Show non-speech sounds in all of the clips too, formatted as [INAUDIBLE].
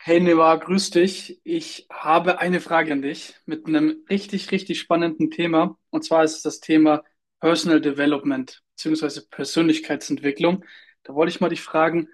Hey Neva, grüß dich. Ich habe eine Frage an dich mit einem richtig, richtig spannenden Thema. Und zwar ist es das Thema Personal Development bzw. Persönlichkeitsentwicklung. Da wollte ich mal dich fragen,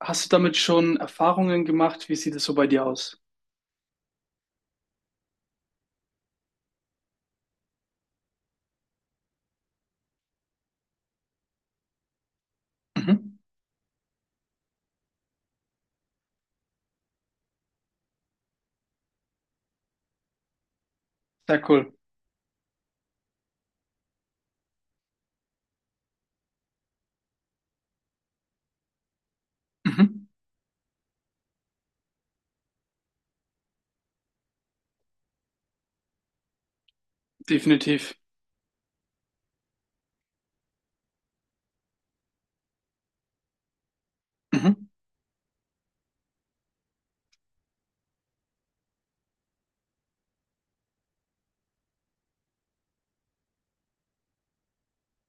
hast du damit schon Erfahrungen gemacht? Wie sieht es so bei dir aus? Mhm. Sehr cool. Mhm. Definitiv. Mhm.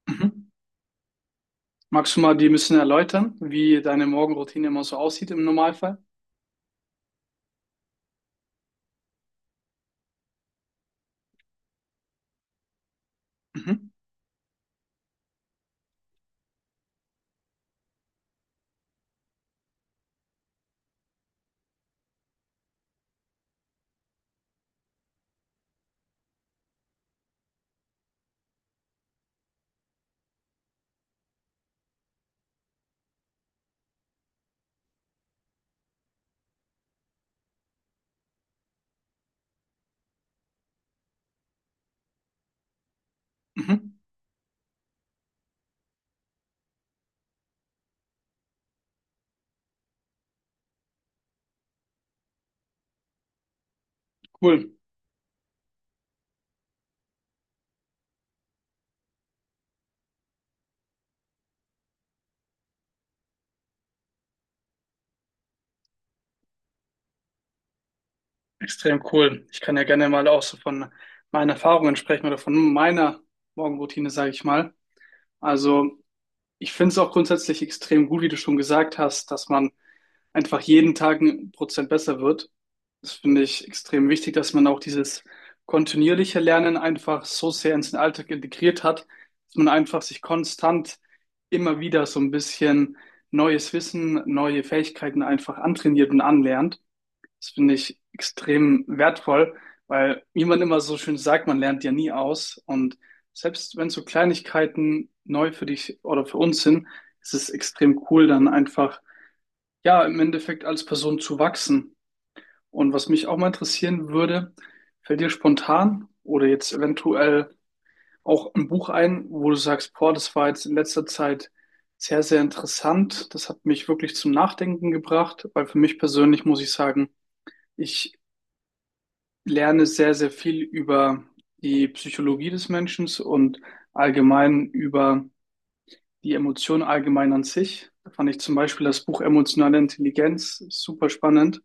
Mhm. Magst du mal die ein bisschen erläutern, wie deine Morgenroutine immer so aussieht im Normalfall? Mhm. Mhm. Cool. Extrem cool. Ich kann ja gerne mal auch so von meinen Erfahrungen sprechen oder von meiner Morgenroutine, sage ich mal. Also ich finde es auch grundsätzlich extrem gut, wie du schon gesagt hast, dass man einfach jeden Tag 1% besser wird. Das finde ich extrem wichtig, dass man auch dieses kontinuierliche Lernen einfach so sehr in den Alltag integriert hat, dass man einfach sich konstant immer wieder so ein bisschen neues Wissen, neue Fähigkeiten einfach antrainiert und anlernt. Das finde ich extrem wertvoll, weil, wie man immer so schön sagt, man lernt ja nie aus. Und selbst wenn so Kleinigkeiten neu für dich oder für uns sind, ist es extrem cool, dann einfach, ja, im Endeffekt als Person zu wachsen. Und was mich auch mal interessieren würde, fällt dir spontan oder jetzt eventuell auch ein Buch ein, wo du sagst, boah, das war jetzt in letzter Zeit sehr, sehr interessant. Das hat mich wirklich zum Nachdenken gebracht, weil für mich persönlich muss ich sagen, ich lerne sehr, sehr viel über die Psychologie des Menschen und allgemein über die Emotionen allgemein an sich. Da fand ich zum Beispiel das Buch Emotionale Intelligenz super spannend.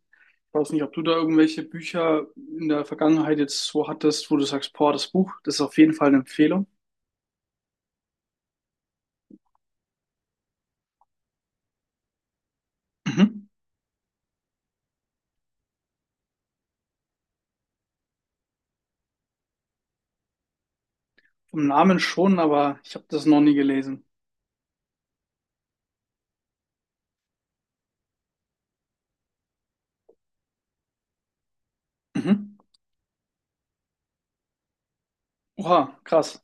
Ich weiß nicht, ob du da irgendwelche Bücher in der Vergangenheit jetzt so hattest, wo du sagst, boah, das Buch, das ist auf jeden Fall eine Empfehlung. Mhm. Vom Namen schon, aber ich habe das noch nie gelesen. Mhm. Oha, krass.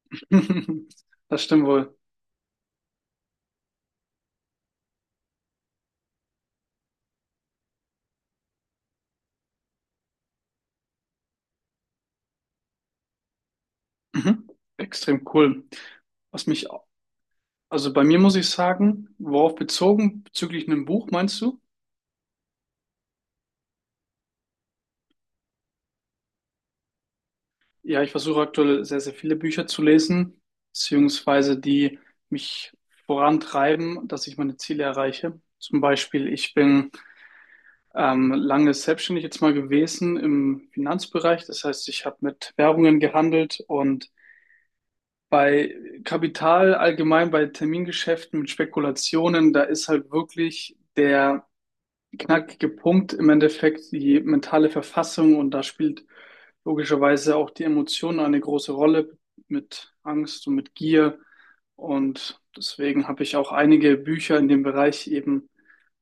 [LAUGHS] Das stimmt wohl. Mhm. Extrem cool. Was mich Also bei mir muss ich sagen, worauf bezogen, bezüglich einem Buch meinst du? Ja, ich versuche aktuell sehr, sehr viele Bücher zu lesen, beziehungsweise die mich vorantreiben, dass ich meine Ziele erreiche. Zum Beispiel, ich bin lange selbstständig jetzt mal gewesen im Finanzbereich. Das heißt, ich habe mit Währungen gehandelt und bei Kapital allgemein, bei Termingeschäften mit Spekulationen, da ist halt wirklich der knackige Punkt im Endeffekt die mentale Verfassung und da spielt logischerweise auch die Emotion eine große Rolle mit Angst und mit Gier. Und deswegen habe ich auch einige Bücher in dem Bereich eben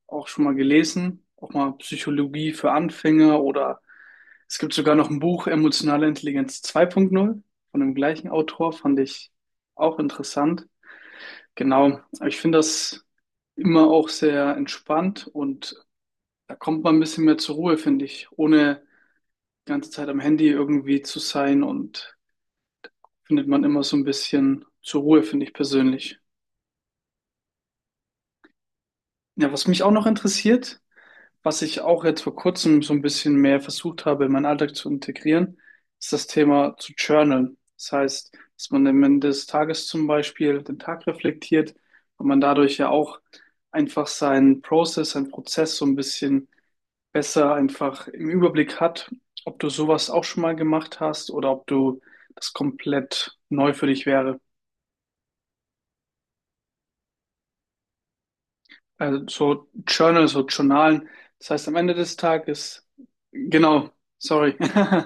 auch schon mal gelesen, auch mal Psychologie für Anfänger, oder es gibt sogar noch ein Buch Emotionale Intelligenz 2.0 von dem gleichen Autor, fand ich auch interessant. Genau, aber ich finde das immer auch sehr entspannt und da kommt man ein bisschen mehr zur Ruhe, finde ich, ohne die ganze Zeit am Handy irgendwie zu sein und findet man immer so ein bisschen zur Ruhe, finde ich persönlich. Ja, was mich auch noch interessiert, was ich auch jetzt vor kurzem so ein bisschen mehr versucht habe, in meinen Alltag zu integrieren, ist das Thema zu journalen. Das heißt, dass man am Ende des Tages zum Beispiel den Tag reflektiert und man dadurch ja auch einfach seinen Prozess so ein bisschen besser einfach im Überblick hat, ob du sowas auch schon mal gemacht hast oder ob du das komplett neu für dich wäre. Also so Journal, so Journalen. Das heißt, am Ende des Tages, genau, sorry. [LAUGHS]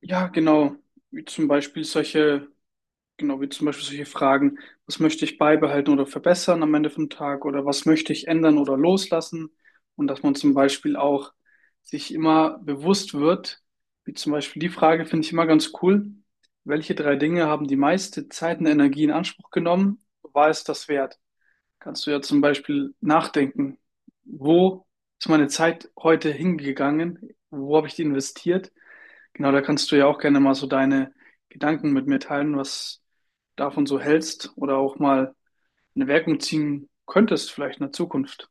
Ja, genau. Wie zum Beispiel solche Genau, wie zum Beispiel solche Fragen, was möchte ich beibehalten oder verbessern am Ende vom Tag oder was möchte ich ändern oder loslassen? Und dass man zum Beispiel auch sich immer bewusst wird, wie zum Beispiel die Frage finde ich immer ganz cool, welche drei Dinge haben die meiste Zeit und Energie in Anspruch genommen? War es das wert? Kannst du ja zum Beispiel nachdenken, wo ist meine Zeit heute hingegangen? Wo habe ich die investiert? Genau, da kannst du ja auch gerne mal so deine Gedanken mit mir teilen, was du davon so hältst oder auch mal eine Wirkung ziehen könntest, vielleicht in der Zukunft.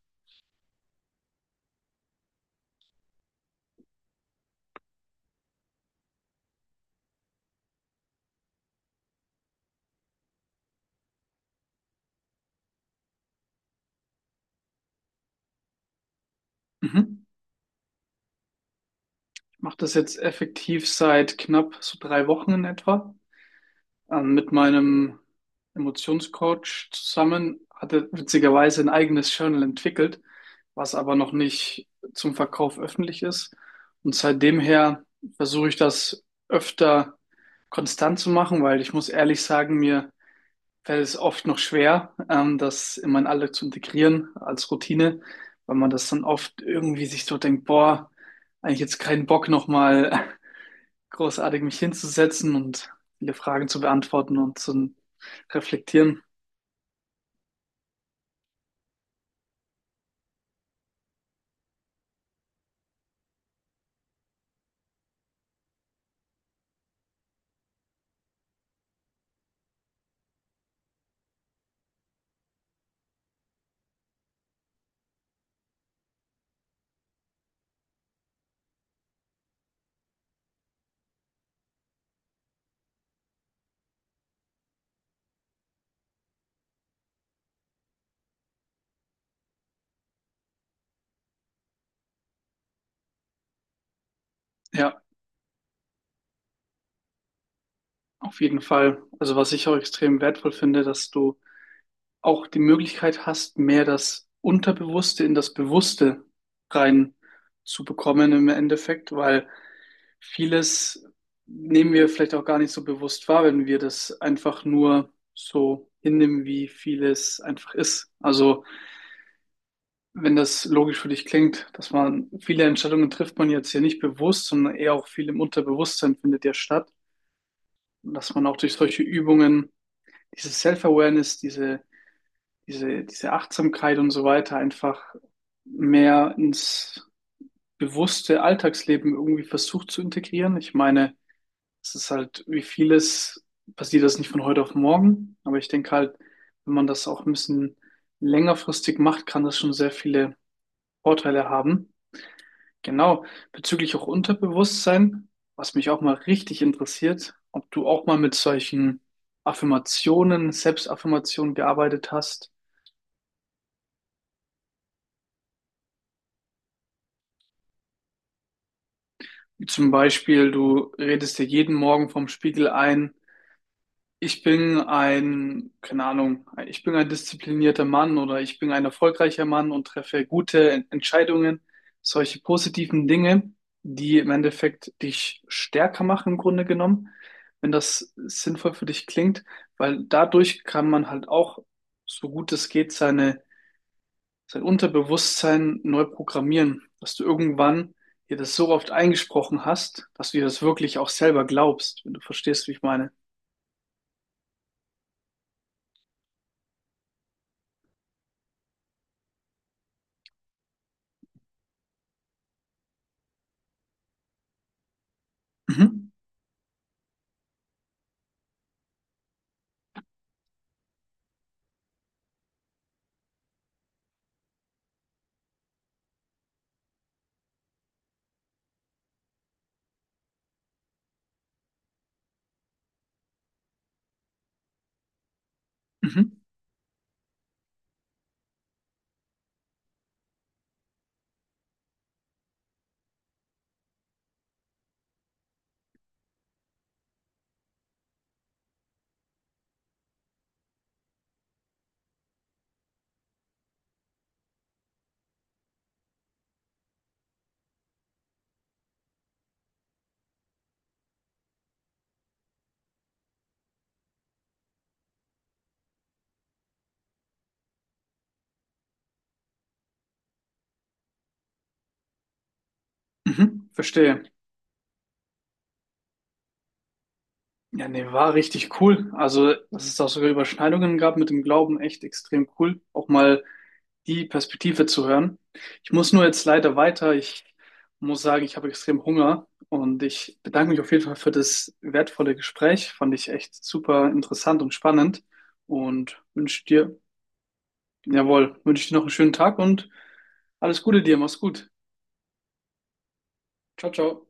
Mhm. Ich mache das jetzt effektiv seit knapp so 3 Wochen in etwa. Mit meinem Emotionscoach zusammen hatte witzigerweise ein eigenes Journal entwickelt, was aber noch nicht zum Verkauf öffentlich ist. Und seitdem her versuche ich das öfter konstant zu machen, weil ich muss ehrlich sagen, mir fällt es oft noch schwer, das in meinen Alltag zu integrieren als Routine, weil man das dann oft irgendwie sich so denkt, boah, eigentlich jetzt keinen Bock nochmal [LAUGHS] großartig mich hinzusetzen und viele Fragen zu beantworten und zu reflektieren. Ja, auf jeden Fall. Also was ich auch extrem wertvoll finde, dass du auch die Möglichkeit hast, mehr das Unterbewusste in das Bewusste rein zu bekommen im Endeffekt, weil vieles nehmen wir vielleicht auch gar nicht so bewusst wahr, wenn wir das einfach nur so hinnehmen, wie vieles einfach ist. Also, wenn das logisch für dich klingt, dass man viele Entscheidungen trifft man jetzt hier nicht bewusst, sondern eher auch viel im Unterbewusstsein findet ja statt. Und dass man auch durch solche Übungen diese Self-Awareness, diese Achtsamkeit und so weiter einfach mehr ins bewusste Alltagsleben irgendwie versucht zu integrieren. Ich meine, es ist halt, wie vieles passiert das nicht von heute auf morgen, aber ich denke halt, wenn man das auch ein bisschen längerfristig macht, kann das schon sehr viele Vorteile haben. Genau, bezüglich auch Unterbewusstsein, was mich auch mal richtig interessiert, ob du auch mal mit solchen Affirmationen, Selbstaffirmationen gearbeitet hast. Wie zum Beispiel, du redest dir jeden Morgen vorm Spiegel ein, ich bin ein, keine Ahnung, ich bin ein disziplinierter Mann oder ich bin ein erfolgreicher Mann und treffe gute Entscheidungen, solche positiven Dinge, die im Endeffekt dich stärker machen im Grunde genommen, wenn das sinnvoll für dich klingt, weil dadurch kann man halt auch, so gut es geht, seine, sein Unterbewusstsein neu programmieren, dass du irgendwann dir das so oft eingesprochen hast, dass du dir das wirklich auch selber glaubst, wenn du verstehst, wie ich meine. Mhm. Mhm. Mhm, verstehe. Ja, nee, war richtig cool. Also, dass es da sogar Überschneidungen gab mit dem Glauben, echt extrem cool. Auch mal die Perspektive zu hören. Ich muss nur jetzt leider weiter. Ich muss sagen, ich habe extrem Hunger und ich bedanke mich auf jeden Fall für das wertvolle Gespräch. Fand ich echt super interessant und spannend und wünsche dir, jawohl, wünsche dir noch einen schönen Tag und alles Gute dir. Mach's gut. Ciao, ciao.